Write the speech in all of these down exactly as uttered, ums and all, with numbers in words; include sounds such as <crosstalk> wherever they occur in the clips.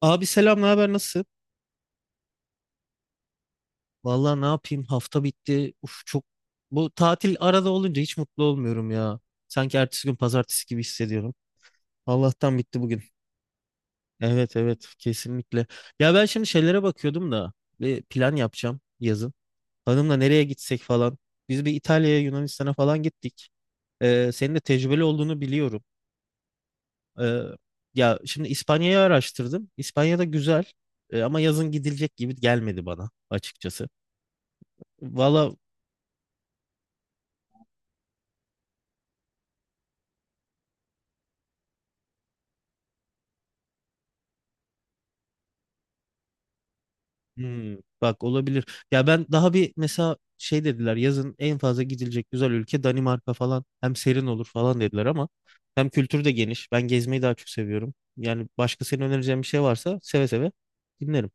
Abi selam, ne haber, nasılsın? Vallahi ne yapayım, hafta bitti. Uf çok, bu tatil arada olunca hiç mutlu olmuyorum ya. Sanki ertesi gün pazartesi gibi hissediyorum. Allah'tan bitti bugün. Evet evet, kesinlikle. Ya ben şimdi şeylere bakıyordum da bir plan yapacağım yazın. Hanımla nereye gitsek falan. Biz bir İtalya'ya, Yunanistan'a falan gittik. Ee, senin de tecrübeli olduğunu biliyorum. Ee, Ya şimdi İspanya'yı araştırdım. İspanya'da güzel. Ee, ama yazın gidilecek gibi gelmedi bana açıkçası. Valla. Hmm, bak olabilir. Ya ben daha bir mesela şey dediler, yazın en fazla gidilecek güzel ülke Danimarka falan. Hem serin olur falan dediler ama hem kültür de geniş. Ben gezmeyi daha çok seviyorum. Yani başka senin önereceğin bir şey varsa seve seve dinlerim.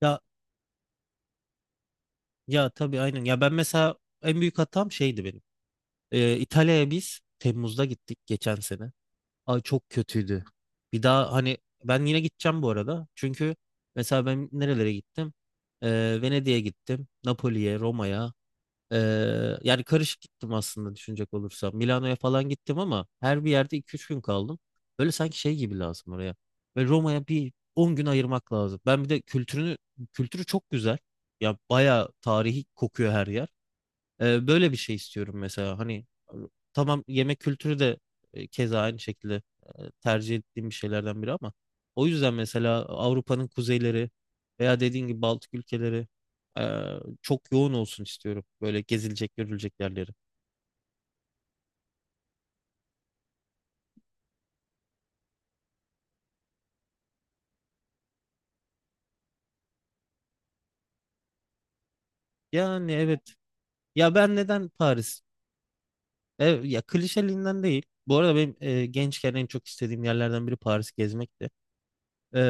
Ya ya tabii, aynen. Ya ben mesela en büyük hatam şeydi benim. Ee, İtalya'ya biz Temmuz'da gittik geçen sene. Ay çok kötüydü. Bir daha hani, ben yine gideceğim bu arada. Çünkü mesela ben nerelere gittim? Ee, Venedik'e gittim. Napoli'ye, Roma'ya. Ee, yani karışık gittim aslında düşünecek olursam. Milano'ya falan gittim ama her bir yerde iki üç gün kaldım. Böyle sanki şey gibi lazım oraya. Ve Roma'ya bir on gün ayırmak lazım. Ben bir de kültürünü kültürü çok güzel. Ya bayağı tarihi kokuyor her yer. Ee, böyle bir şey istiyorum mesela. Hani tamam yemek kültürü de e, keza aynı şekilde e, tercih ettiğim bir şeylerden biri ama o yüzden mesela Avrupa'nın kuzeyleri veya dediğin gibi Baltık ülkeleri, e, çok yoğun olsun istiyorum. Böyle gezilecek, görülecek yerleri. Yani evet. Ya ben neden Paris? E, ya klişeliğinden değil. Bu arada benim e, gençken en çok istediğim yerlerden biri Paris gezmekti. Ee,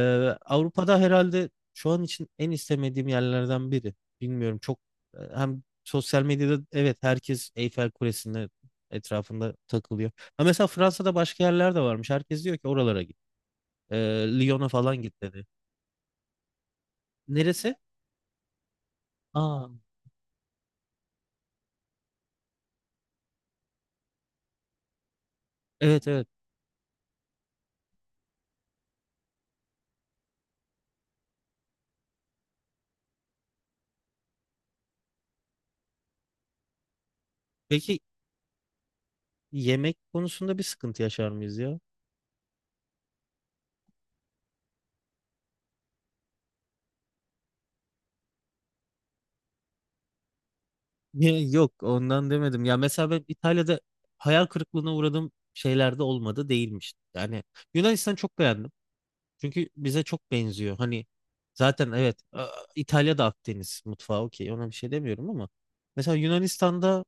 Avrupa'da herhalde şu an için en istemediğim yerlerden biri. Bilmiyorum çok, e, hem sosyal medyada evet, herkes Eyfel Kulesi'nin etrafında takılıyor. Ha mesela Fransa'da başka yerler de varmış. Herkes diyor ki oralara git. Ee, Lyon'a falan git dedi. Neresi? Aa, evet evet. Peki yemek konusunda bir sıkıntı yaşar mıyız ya? <laughs> Ya, yok ondan demedim. Ya mesela ben İtalya'da hayal kırıklığına uğradığım şeyler de olmadı değilmiş. Yani Yunanistan çok beğendim. Çünkü bize çok benziyor. Hani zaten evet a- İtalya'da Akdeniz mutfağı okey, ona bir şey demiyorum ama mesela Yunanistan'da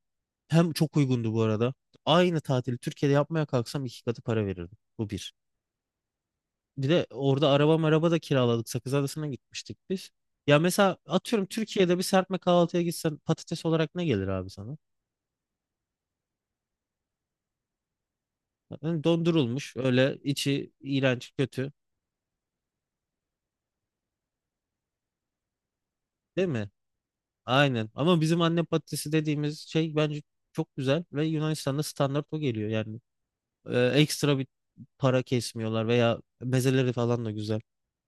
hem çok uygundu bu arada. Aynı tatili Türkiye'de yapmaya kalksam iki katı para verirdim. Bu bir. Bir de orada araba maraba da kiraladık. Sakız Adası'na gitmiştik biz. Ya mesela atıyorum Türkiye'de bir serpme kahvaltıya gitsen patates olarak ne gelir abi sana? Yani dondurulmuş, öyle içi iğrenç kötü, değil mi? Aynen. Ama bizim anne patatesi dediğimiz şey bence çok güzel ve Yunanistan'da standart o geliyor yani. Ee, ekstra bir para kesmiyorlar veya mezeleri falan da güzel.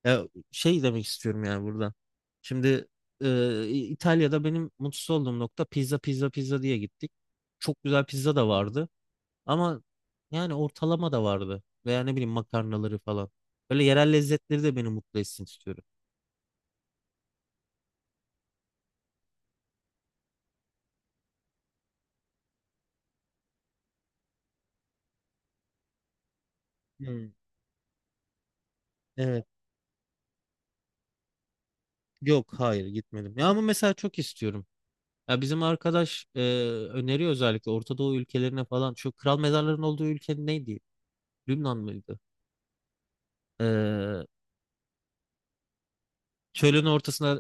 Ya şey demek istiyorum yani burada. Şimdi e, İtalya'da benim mutsuz olduğum nokta, pizza pizza pizza diye gittik. Çok güzel pizza da vardı ama yani ortalama da vardı veya ne bileyim makarnaları falan. Böyle yerel lezzetleri de beni mutlu etsin istiyorum. Hmm. Evet. Yok hayır, gitmedim. Ya ama mesela çok istiyorum. Ya bizim arkadaş e, öneriyor, özellikle Orta Doğu ülkelerine falan. Şu kral mezarların olduğu ülke neydi? Lübnan mıydı? E, çölün ortasına,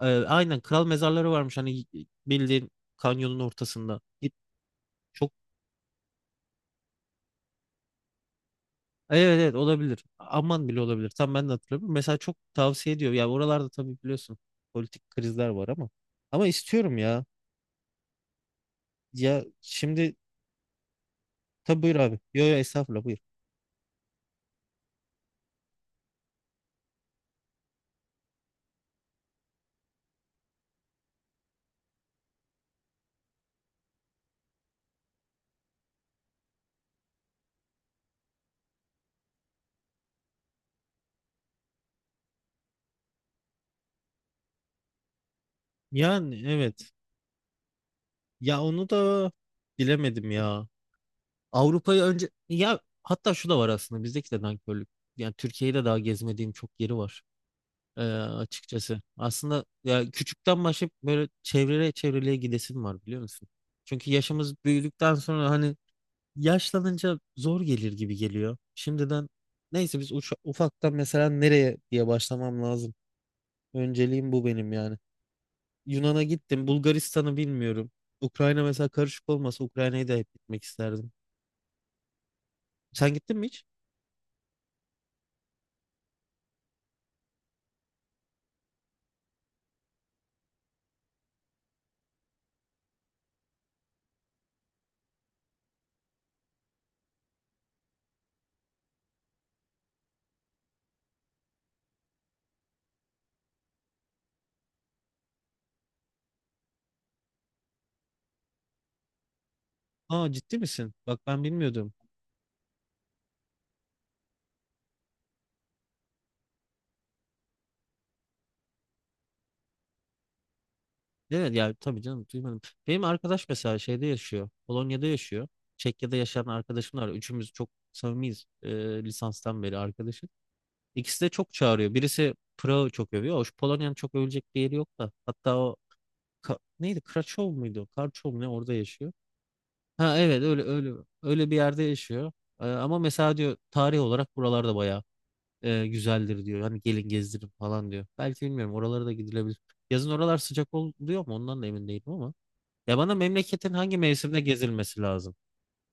e, aynen kral mezarları varmış hani, bildiğin kanyonun ortasında. Git çok, evet evet, olabilir. Aman bile olabilir. Tam ben de hatırlamıyorum. Mesela çok tavsiye ediyor. Ya oralarda tabii biliyorsun politik krizler var ama ama istiyorum ya. Ya şimdi tabii buyur abi. Yo yo estağfurullah buyur. Yani evet. Ya onu da bilemedim ya. Avrupa'yı önce ya, hatta şu da var aslında, bizdeki de nankörlük. Yani Türkiye'de daha gezmediğim çok yeri var e, açıkçası. Aslında ya küçükten başlayıp böyle çevreye çevreliğe gidesim var, biliyor musun? Çünkü yaşımız büyüdükten sonra hani yaşlanınca zor gelir gibi geliyor. Şimdiden neyse, biz uça- ufaktan mesela nereye diye başlamam lazım. Önceliğim bu benim yani. Yunan'a gittim, Bulgaristan'ı bilmiyorum. Ukrayna mesela karışık olmasa Ukrayna'yı da hep gitmek isterdim. Sen gittin mi hiç? Aa ciddi misin? Bak ben bilmiyordum. Evet yani tabii canım, duymadım. Benim arkadaş mesela şeyde yaşıyor. Polonya'da yaşıyor. Çekya'da yaşayan arkadaşım var. Üçümüz çok samimiyiz. E, lisanstan beri arkadaşım. İkisi de çok çağırıyor. Birisi Prag'ı çok övüyor. Hoş Polonya'nın çok övülecek bir yeri yok da. Hatta o Ka- neydi? Krakow muydu? Karçov mu ne, orada yaşıyor. Ha evet, öyle öyle, öyle bir yerde yaşıyor. E, ama mesela diyor tarih olarak buralarda bayağı e, güzeldir diyor. Hani gelin gezdirin falan diyor. Belki bilmiyorum, oralara da gidilebilir. Yazın oralar sıcak oluyor mu ondan da emin değilim ama. Ya bana memleketin hangi mevsimde gezilmesi lazım?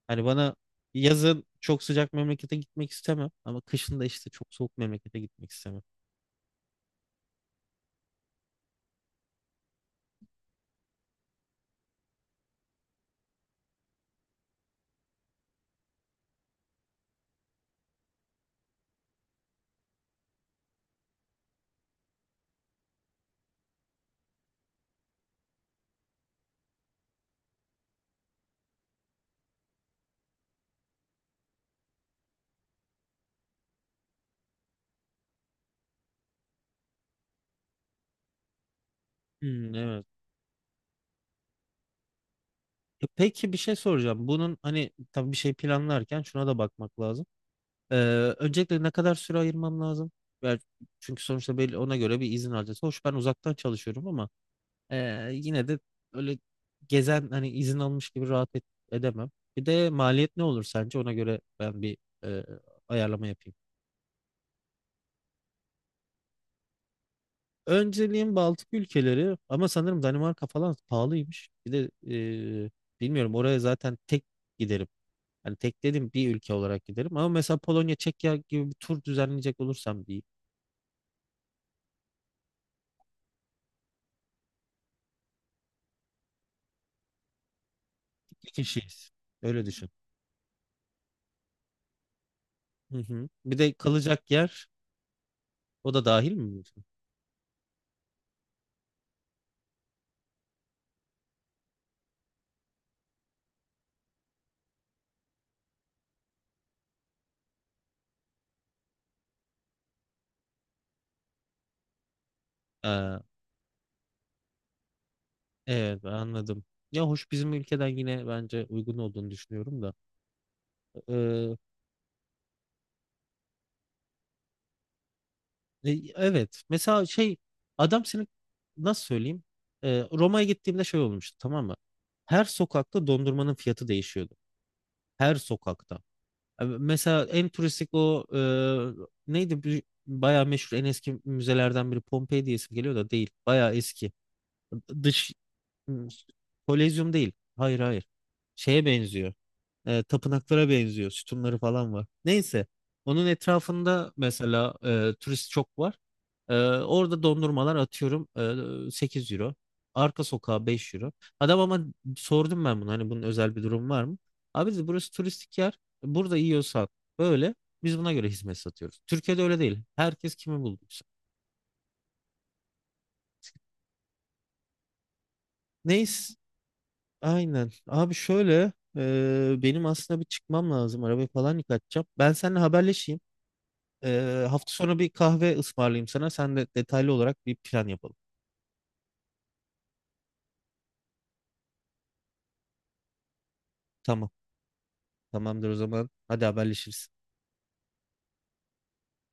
Hani bana yazın çok sıcak memlekete gitmek istemem ama kışın da işte çok soğuk memlekete gitmek istemem. Hmm, evet. E peki bir şey soracağım. Bunun hani tabii bir şey planlarken şuna da bakmak lazım. Ee, Öncelikle ne kadar süre ayırmam lazım? Yani çünkü sonuçta belli, ona göre bir izin alacağız. Hoş ben uzaktan çalışıyorum ama Ee, yine de öyle gezen hani izin almış gibi rahat et- edemem. Bir de maliyet ne olur sence? Ona göre ben bir e, ayarlama yapayım. Önceliğim Baltık ülkeleri ama sanırım Danimarka falan pahalıymış. Bir de e, bilmiyorum, oraya zaten tek giderim. Hani tek dedim bir ülke olarak giderim ama mesela Polonya, Çekya gibi bir tur düzenleyecek olursam diyeyim. İki kişiyiz. Öyle düşün. Hı hı. Bir de kalacak yer, o da dahil mi diyorsun? Ee, Evet ben anladım. Ya hoş bizim ülkeden yine bence uygun olduğunu düşünüyorum da. Ee, e, evet mesela şey, adam senin, nasıl söyleyeyim? Ee, Roma'ya gittiğimde şey olmuştu, tamam mı? Her sokakta dondurmanın fiyatı değişiyordu. Her sokakta. Ee, Mesela en turistik o e, neydi? Bir- Bayağı meşhur en eski müzelerden biri, Pompei diye isim geliyor da değil. Bayağı eski. Dış Kolezyum değil. Hayır hayır. Şeye benziyor. E, tapınaklara benziyor. Sütunları falan var. Neyse. Onun etrafında mesela e, turist çok var. E, orada dondurmalar atıyorum e, sekiz euro. Arka sokağa beş euro. Adam ama sordum ben bunu, hani bunun özel bir durum var mı? Abi dedi, burası turistik yer. Burada yiyorsan böyle, biz buna göre hizmet satıyoruz. Türkiye'de öyle değil. Herkes kimi bulduysa. Neyse aynen. Abi şöyle e, benim aslında bir çıkmam lazım. Arabayı falan yıkatacağım. Ben seninle haberleşeyim. Ee, hafta sonu bir kahve ısmarlayayım sana. Sen de detaylı olarak bir plan yapalım. Tamam. Tamamdır o zaman. Hadi haberleşiriz.